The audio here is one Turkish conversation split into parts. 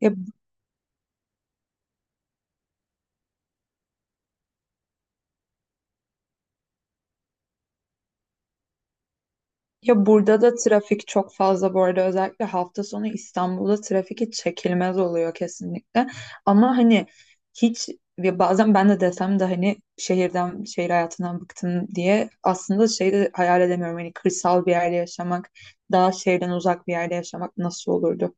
Ya, ya burada da trafik çok fazla bu arada, özellikle hafta sonu İstanbul'da trafik hiç çekilmez oluyor kesinlikle. Ama hani hiç, ya bazen ben de desem de hani şehirden, şehir hayatından bıktım diye aslında şeyi de hayal edemiyorum. Hani kırsal bir yerde yaşamak, daha şehirden uzak bir yerde yaşamak nasıl olurdu?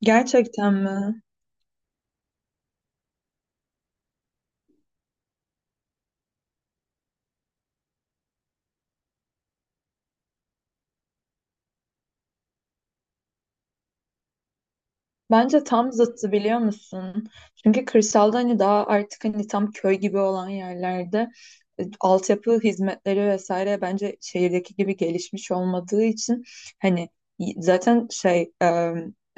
Gerçekten mi? Bence tam zıttı, biliyor musun? Çünkü kırsalda hani daha artık hani tam köy gibi olan yerlerde altyapı hizmetleri vesaire bence şehirdeki gibi gelişmiş olmadığı için hani zaten şey,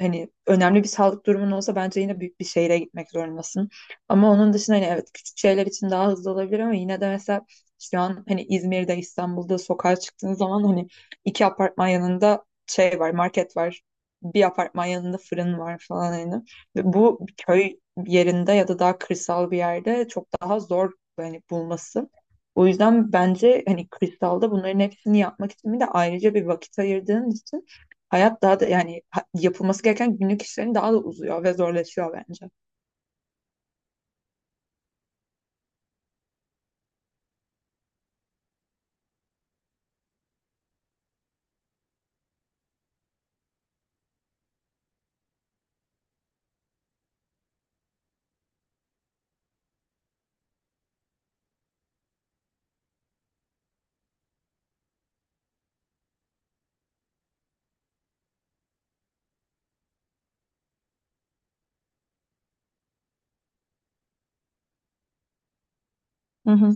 hani önemli bir sağlık durumun olsa bence yine büyük bir şehire gitmek zorundasın. Ama onun dışında hani evet, küçük şeyler için daha hızlı olabilir ama yine de mesela şu an hani İzmir'de, İstanbul'da sokağa çıktığın zaman hani iki apartman yanında şey var, market var, bir apartman yanında fırın var falan hani. Ve bu köy yerinde ya da daha kırsal bir yerde çok daha zor hani bulması. O yüzden bence hani kırsalda bunların hepsini yapmak için bir de ayrıca bir vakit ayırdığın için hayat daha da yani yapılması gereken günlük işlerin daha da uzuyor ve zorlaşıyor bence. Hı hı.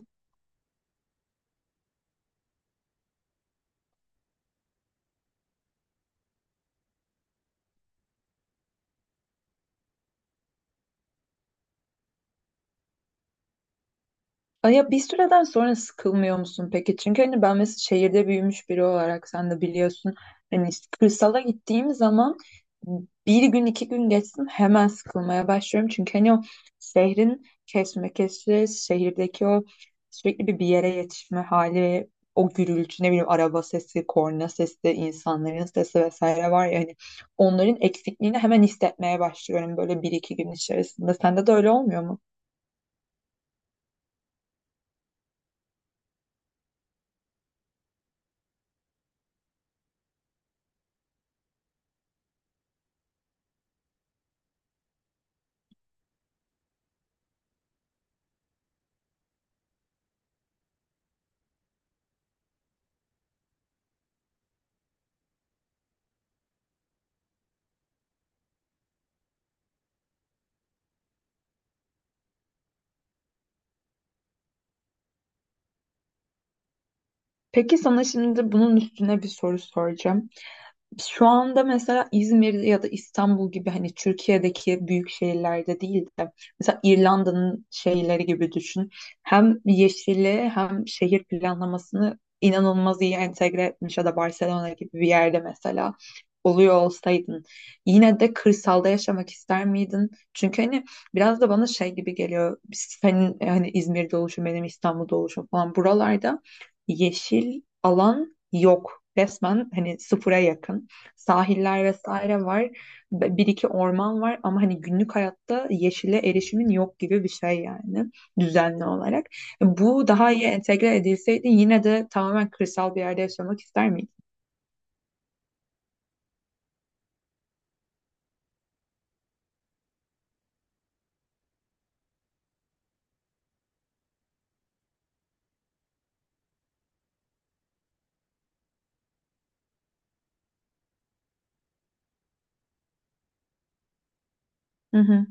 Ay, ya bir süreden sonra sıkılmıyor musun peki? Çünkü hani ben mesela şehirde büyümüş biri olarak, sen de biliyorsun. Hani işte kırsala gittiğim zaman bir gün iki gün geçsin hemen sıkılmaya başlıyorum. Çünkü hani o şehrin kesmekesi, şehirdeki o sürekli bir yere yetişme hali ve o gürültü, ne bileyim, araba sesi, korna sesi, insanların sesi vesaire var ya hani, onların eksikliğini hemen hissetmeye başlıyorum böyle bir iki gün içerisinde. Sende de öyle olmuyor mu? Peki sana şimdi bunun üstüne bir soru soracağım. Şu anda mesela İzmir ya da İstanbul gibi hani Türkiye'deki büyük şehirlerde değil de mesela İrlanda'nın şehirleri gibi düşün. Hem yeşili hem şehir planlamasını inanılmaz iyi entegre etmiş ya da Barcelona gibi bir yerde mesela oluyor olsaydın yine de kırsalda yaşamak ister miydin? Çünkü hani biraz da bana şey gibi geliyor. Senin hani İzmir'de oluşun, benim İstanbul'da oluşum falan, buralarda yeşil alan yok. Resmen hani sıfıra yakın, sahiller vesaire var. Bir iki orman var ama hani günlük hayatta yeşile erişimin yok gibi bir şey yani, düzenli olarak. Bu daha iyi entegre edilseydi yine de tamamen kırsal bir yerde yaşamak ister miydin? Hı hı.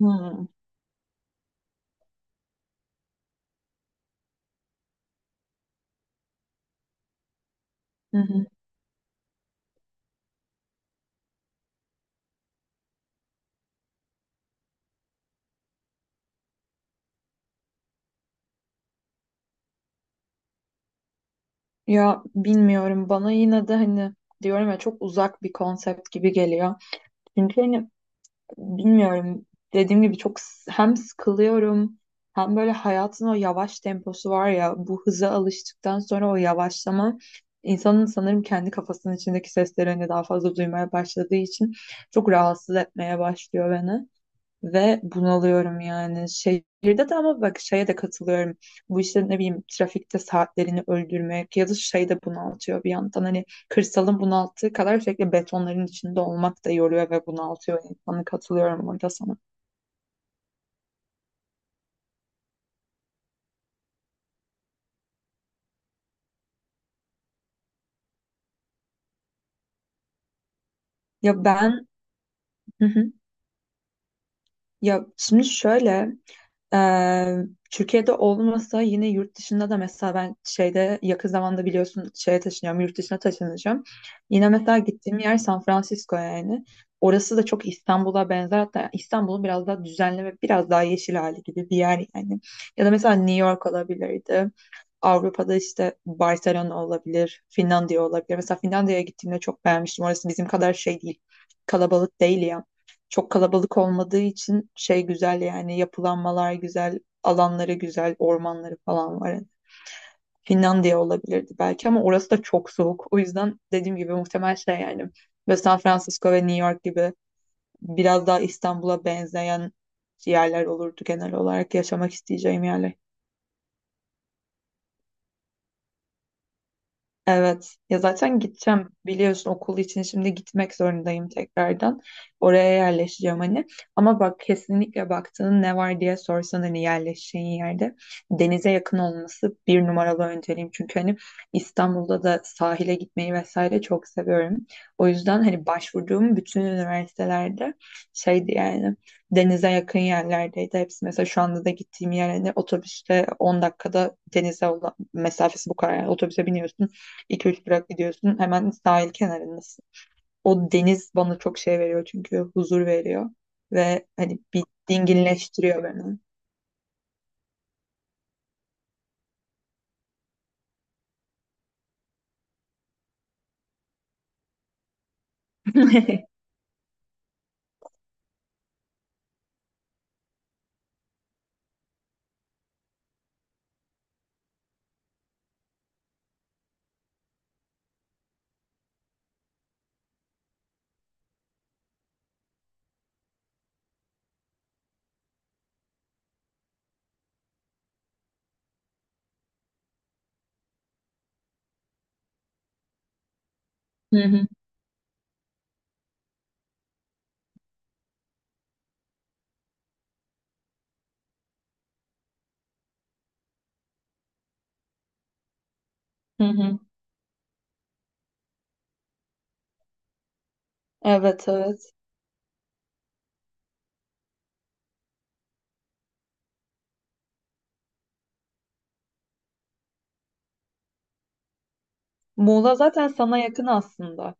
Hmm. Hı hı. Ya bilmiyorum, bana yine de hani diyorum ya, çok uzak bir konsept gibi geliyor. Çünkü hani bilmiyorum. Dediğim gibi çok, hem sıkılıyorum hem böyle hayatın o yavaş temposu var ya, bu hıza alıştıktan sonra o yavaşlama insanın sanırım kendi kafasının içindeki seslerini daha fazla duymaya başladığı için çok rahatsız etmeye başlıyor beni. Ve bunalıyorum yani. Şehirde de, ama bak, şeye de katılıyorum. Bu işte ne bileyim trafikte saatlerini öldürmek ya da şey de bunaltıyor bir yandan. Hani kırsalın bunalttığı kadar sürekli betonların içinde olmak da yoruyor ve bunaltıyor insanı. Katılıyorum orada sana. Ya ben, hı hı, ya şimdi şöyle, Ee, Türkiye'de olmasa yine yurt dışında da mesela ben şeyde yakın zamanda, biliyorsun, şeye taşınıyorum, yurt dışına taşınacağım. Yine mesela gittiğim yer San Francisco yani. Orası da çok İstanbul'a benzer, hatta İstanbul'un biraz daha düzenli ve biraz daha yeşil hali gibi bir yer yani. Ya da mesela New York olabilirdi. Avrupa'da işte Barcelona olabilir, Finlandiya olabilir. Mesela Finlandiya'ya gittiğimde çok beğenmiştim. Orası bizim kadar şey değil, kalabalık değil ya. Çok kalabalık olmadığı için şey güzel yani, yapılanmalar güzel, alanları güzel, ormanları falan var. Yani Finlandiya olabilirdi belki ama orası da çok soğuk. O yüzden dediğim gibi muhtemel şey yani, ve San Francisco ve New York gibi biraz daha İstanbul'a benzeyen yerler olurdu genel olarak yaşamak isteyeceğim yerler. Evet. Ya zaten gideceğim, biliyorsun okul için, şimdi gitmek zorundayım tekrardan. Oraya yerleşeceğim hani. Ama bak, kesinlikle baktığın ne var diye sorsan hani, yerleşeceğin yerde denize yakın olması bir numaralı önceliğim. Çünkü hani İstanbul'da da sahile gitmeyi vesaire çok seviyorum. O yüzden hani başvurduğum bütün üniversitelerde şeydi yani, denize yakın yerlerdeydi hepsi. Mesela şu anda da gittiğim yer hani otobüste 10 dakikada, denize olan mesafesi bu kadar. Yani otobüse biniyorsun. 2 üç durak gidiyorsun. Hemen sahil kenarındasın. O deniz bana çok şey veriyor, çünkü huzur veriyor. Ve hani bir dinginleştiriyor beni. Hı hı, hı hı. Evet, evet. Muğla zaten sana yakın aslında.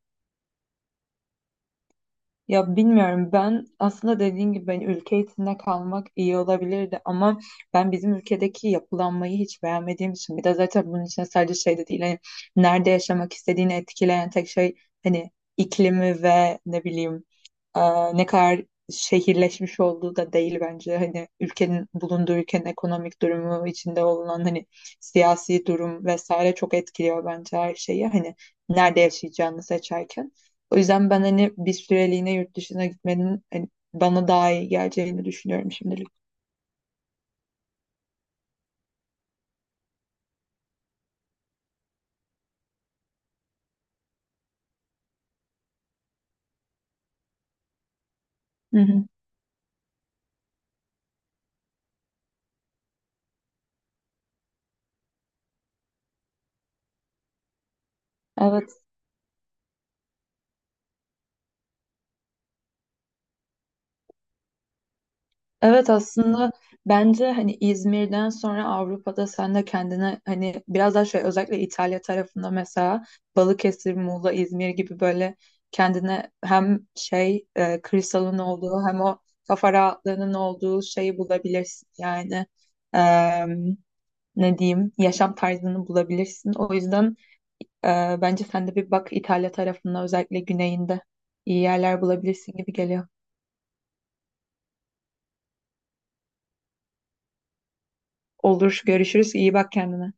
Ya bilmiyorum, ben aslında dediğin gibi ben ülke içinde kalmak iyi olabilirdi ama ben bizim ülkedeki yapılanmayı hiç beğenmediğim için, bir de zaten bunun içine sadece şey de değil hani, nerede yaşamak istediğini etkileyen tek şey hani iklimi ve ne bileyim, e, ne kadar şehirleşmiş olduğu da değil bence hani, ülkenin bulunduğu, ülkenin ekonomik durumu içinde olan hani siyasi durum vesaire çok etkiliyor bence her şeyi hani, nerede yaşayacağını seçerken. O yüzden ben hani bir süreliğine yurt dışına gitmenin hani bana daha iyi geleceğini düşünüyorum şimdilik. Hı hı. Evet. Evet aslında, bence hani İzmir'den sonra Avrupa'da sen de kendine hani biraz daha şey, özellikle İtalya tarafında mesela Balıkesir, Muğla, İzmir gibi böyle kendine hem şey, kırsalın olduğu hem o kafa rahatlığının olduğu şeyi bulabilirsin yani. Em, Ne diyeyim, yaşam tarzını bulabilirsin. O yüzden, Ee, bence sen de bir bak, İtalya tarafında özellikle güneyinde iyi yerler bulabilirsin gibi geliyor. Olur, görüşürüz. İyi bak kendine.